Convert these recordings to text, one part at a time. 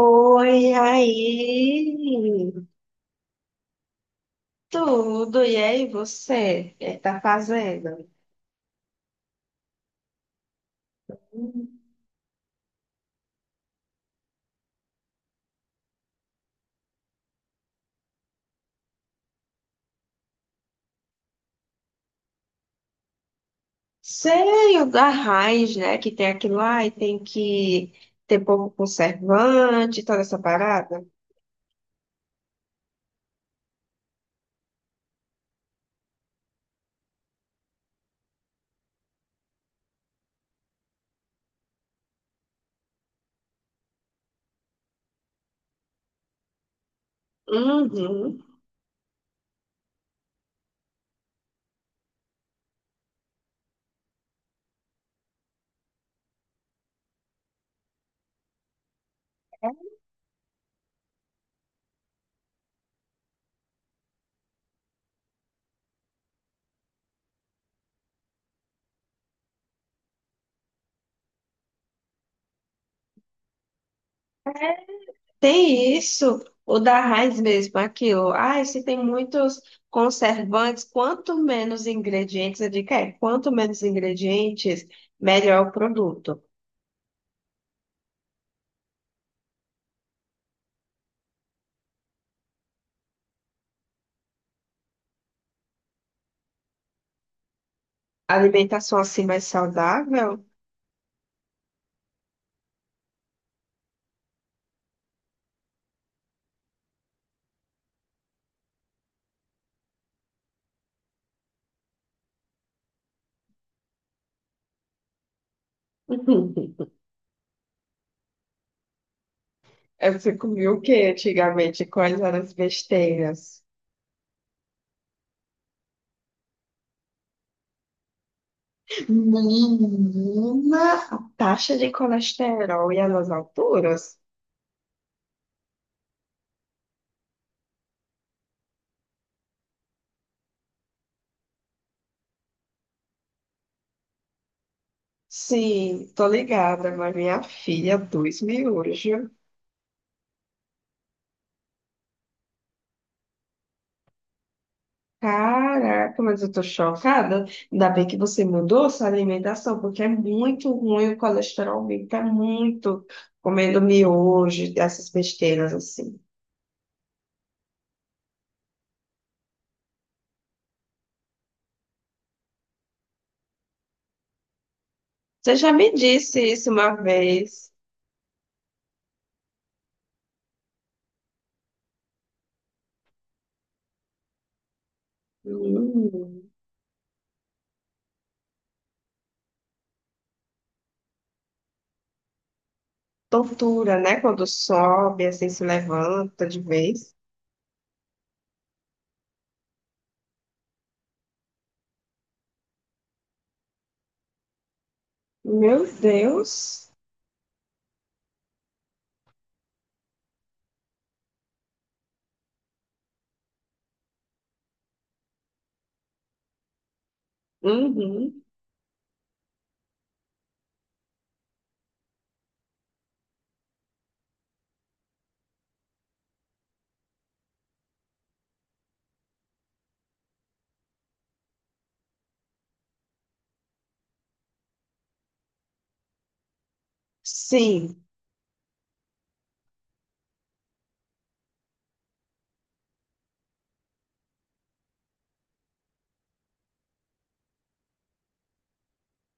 Oi, aí, tudo, e aí você, o que tá fazendo? Sei, o da raiz, né, que tem aquilo lá e tem que ter pouco conservante, toda essa parada. Uhum. É, tem isso, o da raiz mesmo, aquilo. Ah, se tem muitos conservantes, quanto menos ingredientes, eu digo, é, quanto menos ingredientes, melhor o produto. Alimentação assim mais saudável? É, você comia o que antigamente? Quais eram as besteiras? Menina, a taxa de colesterol e as alturas? Sim, tô ligada, mas minha filha, dois miúdos. Caraca, mas eu tô chocada. Ainda bem que você mudou sua alimentação, porque é muito ruim o colesterol, aumenta muito comendo miojo, essas besteiras assim. Você já me disse isso uma vez. Hum. Tortura, né? Quando sobe, assim, se levanta de vez. Meu Deus. Uhum. Sim.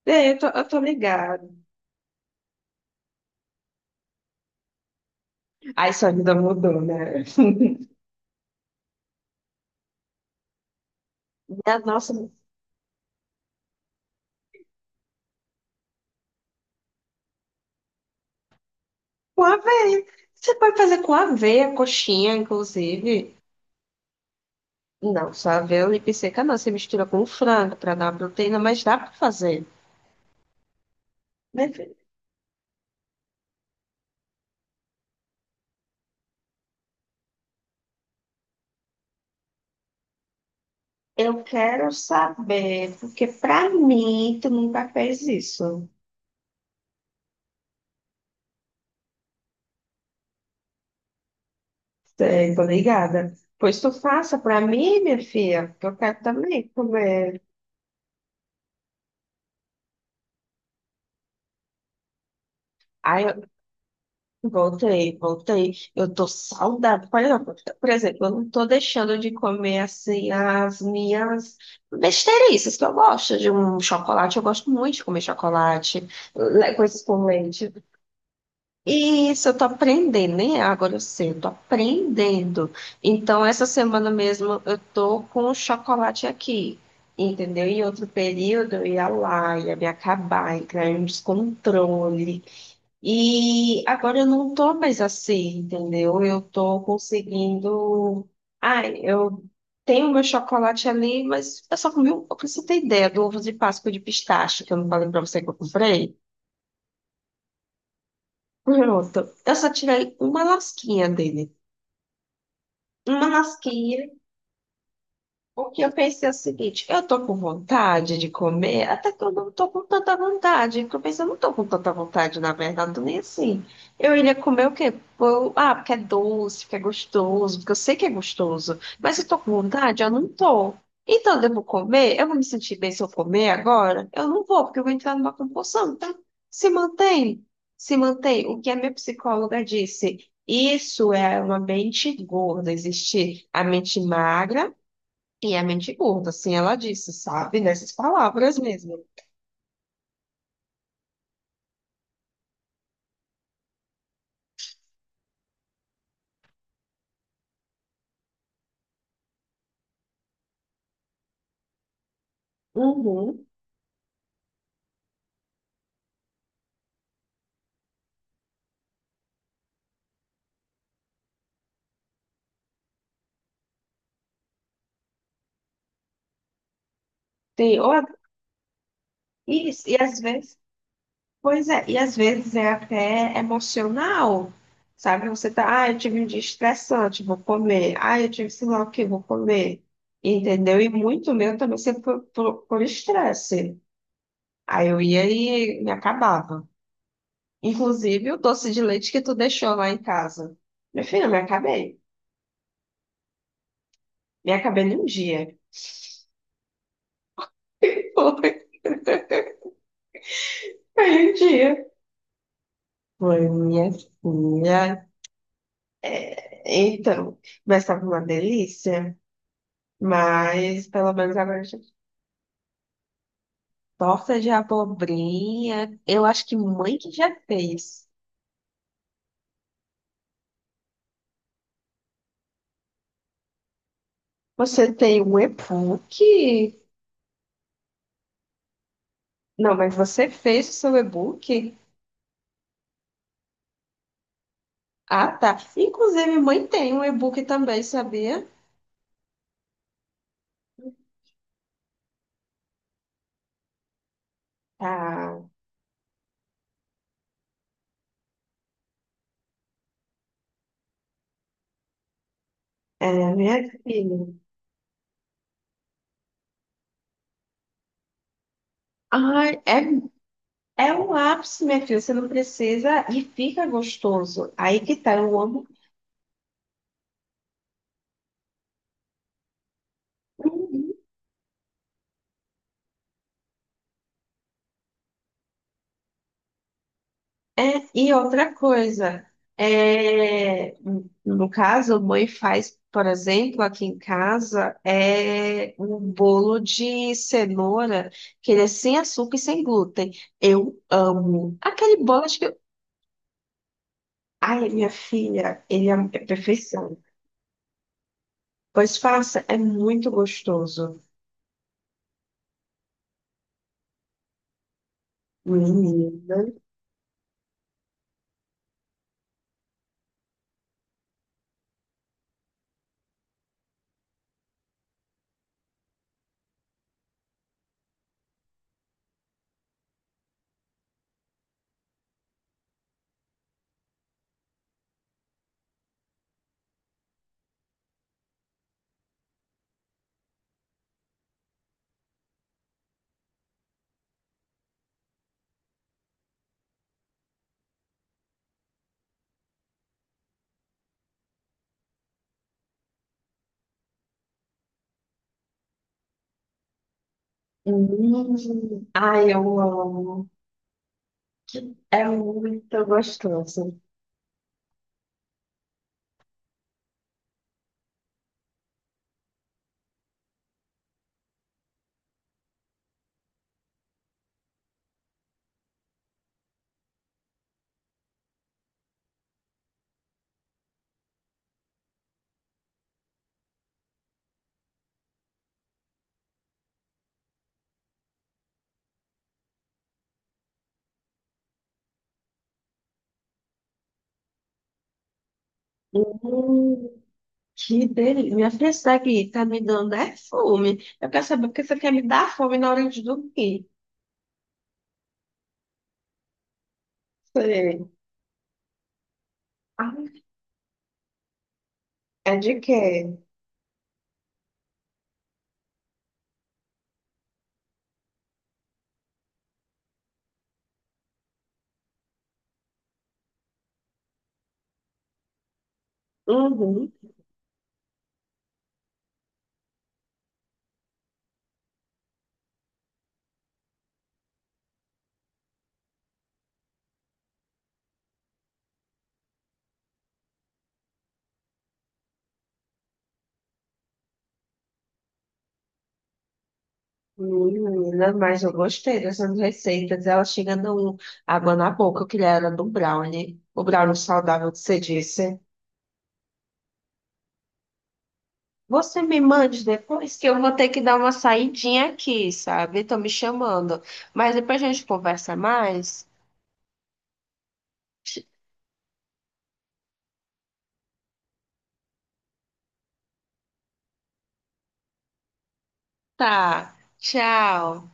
É, eu tô ligada. Aí sua vida mudou, né? Minha nossa, com aveia. Você pode fazer com aveia, coxinha, inclusive. Não, só aveia e seca não. Você mistura com frango para dar uma proteína, mas dá para fazer. Meu Eu quero saber, porque para mim tu nunca fez isso. Sei, tô ligada. Pois tu faça pra mim, minha filha, que eu quero também comer. Aí eu voltei, voltei. Eu tô saudável. Por exemplo, eu não tô deixando de comer assim as minhas besteirices que eu gosto de um chocolate. Eu gosto muito de comer chocolate, coisas com leite. Isso, eu tô aprendendo, nem é agora eu sei, eu tô aprendendo. Então, essa semana mesmo eu tô com o chocolate aqui, entendeu? Em outro período eu ia lá, ia me acabar, entrar em descontrole. E agora eu não tô mais assim, entendeu? Eu tô conseguindo. Ai, eu tenho meu chocolate ali, mas eu só comi um pouco, pra você ter ideia, do ovo de Páscoa de pistache, que eu não falei pra você que eu comprei. Pronto. Eu só tirei uma lasquinha dele. Uma lasquinha porque eu pensei o seguinte, eu tô com vontade de comer, até que eu não tô com tanta vontade. Porque eu pensei, eu não tô com tanta vontade, na verdade, tô nem assim. Eu iria comer o quê? Ah, porque é doce, porque é gostoso, porque eu sei que é gostoso. Mas se eu tô com vontade, eu não tô. Então, eu devo comer? Eu vou me sentir bem se eu comer agora? Eu não vou, porque eu vou entrar numa compulsão, tá? Se mantém, se mantém. O que a minha psicóloga disse, isso é uma mente gorda, existe a mente magra e é mente curta, assim ela disse, sabe? Nessas palavras mesmo. Uhum. Tem, ou, isso, e às vezes, pois é, e às vezes é até emocional, sabe? Você tá, ah, eu tive um dia estressante, vou comer. Ah, eu tive sei lá o que, vou comer. Entendeu? E muito meu também sempre por estresse. Aí eu ia e me acabava. Inclusive o doce de leite que tu deixou lá em casa. Meu filho, eu me acabei. Me acabei num dia. Foi, foi um dia. Foi minha filha. Então, mas tava uma delícia. Mas pelo menos agora já. Torta de abobrinha. Eu acho que mãe que já fez. Você tem um e-book? Não, mas você fez o seu e-book? Ah, tá. Inclusive, mãe tem um e-book também, sabia? Tá. É, minha filha. Ai, é um ápice, minha filha. Você não precisa e fica gostoso. Aí que tá, eu amo. É, e outra coisa, é, no caso, a mãe faz, por exemplo, aqui em casa, é um bolo de cenoura, que ele é sem açúcar e sem glúten. Eu amo. Aquele bolo, acho que. Ai, minha filha, ele é perfeição. Pois faça, é muito gostoso. Menina. Hum. Ai, eu amo. É muito gostoso. Hum. Que delícia. Minha filha, isso daqui tá me dando é fome. Eu quero saber porque você quer me dar fome na hora de dormir. Sei. Ah, é de quê? Uhum. Menina, mas eu gostei dessas receitas. Ela chega dando água na boca. Eu queria era do brownie. O brownie saudável que você disse. Você me mande depois que eu vou ter que dar uma saidinha aqui, sabe? Estão me chamando. Mas depois a gente conversa mais. Tá. Tchau.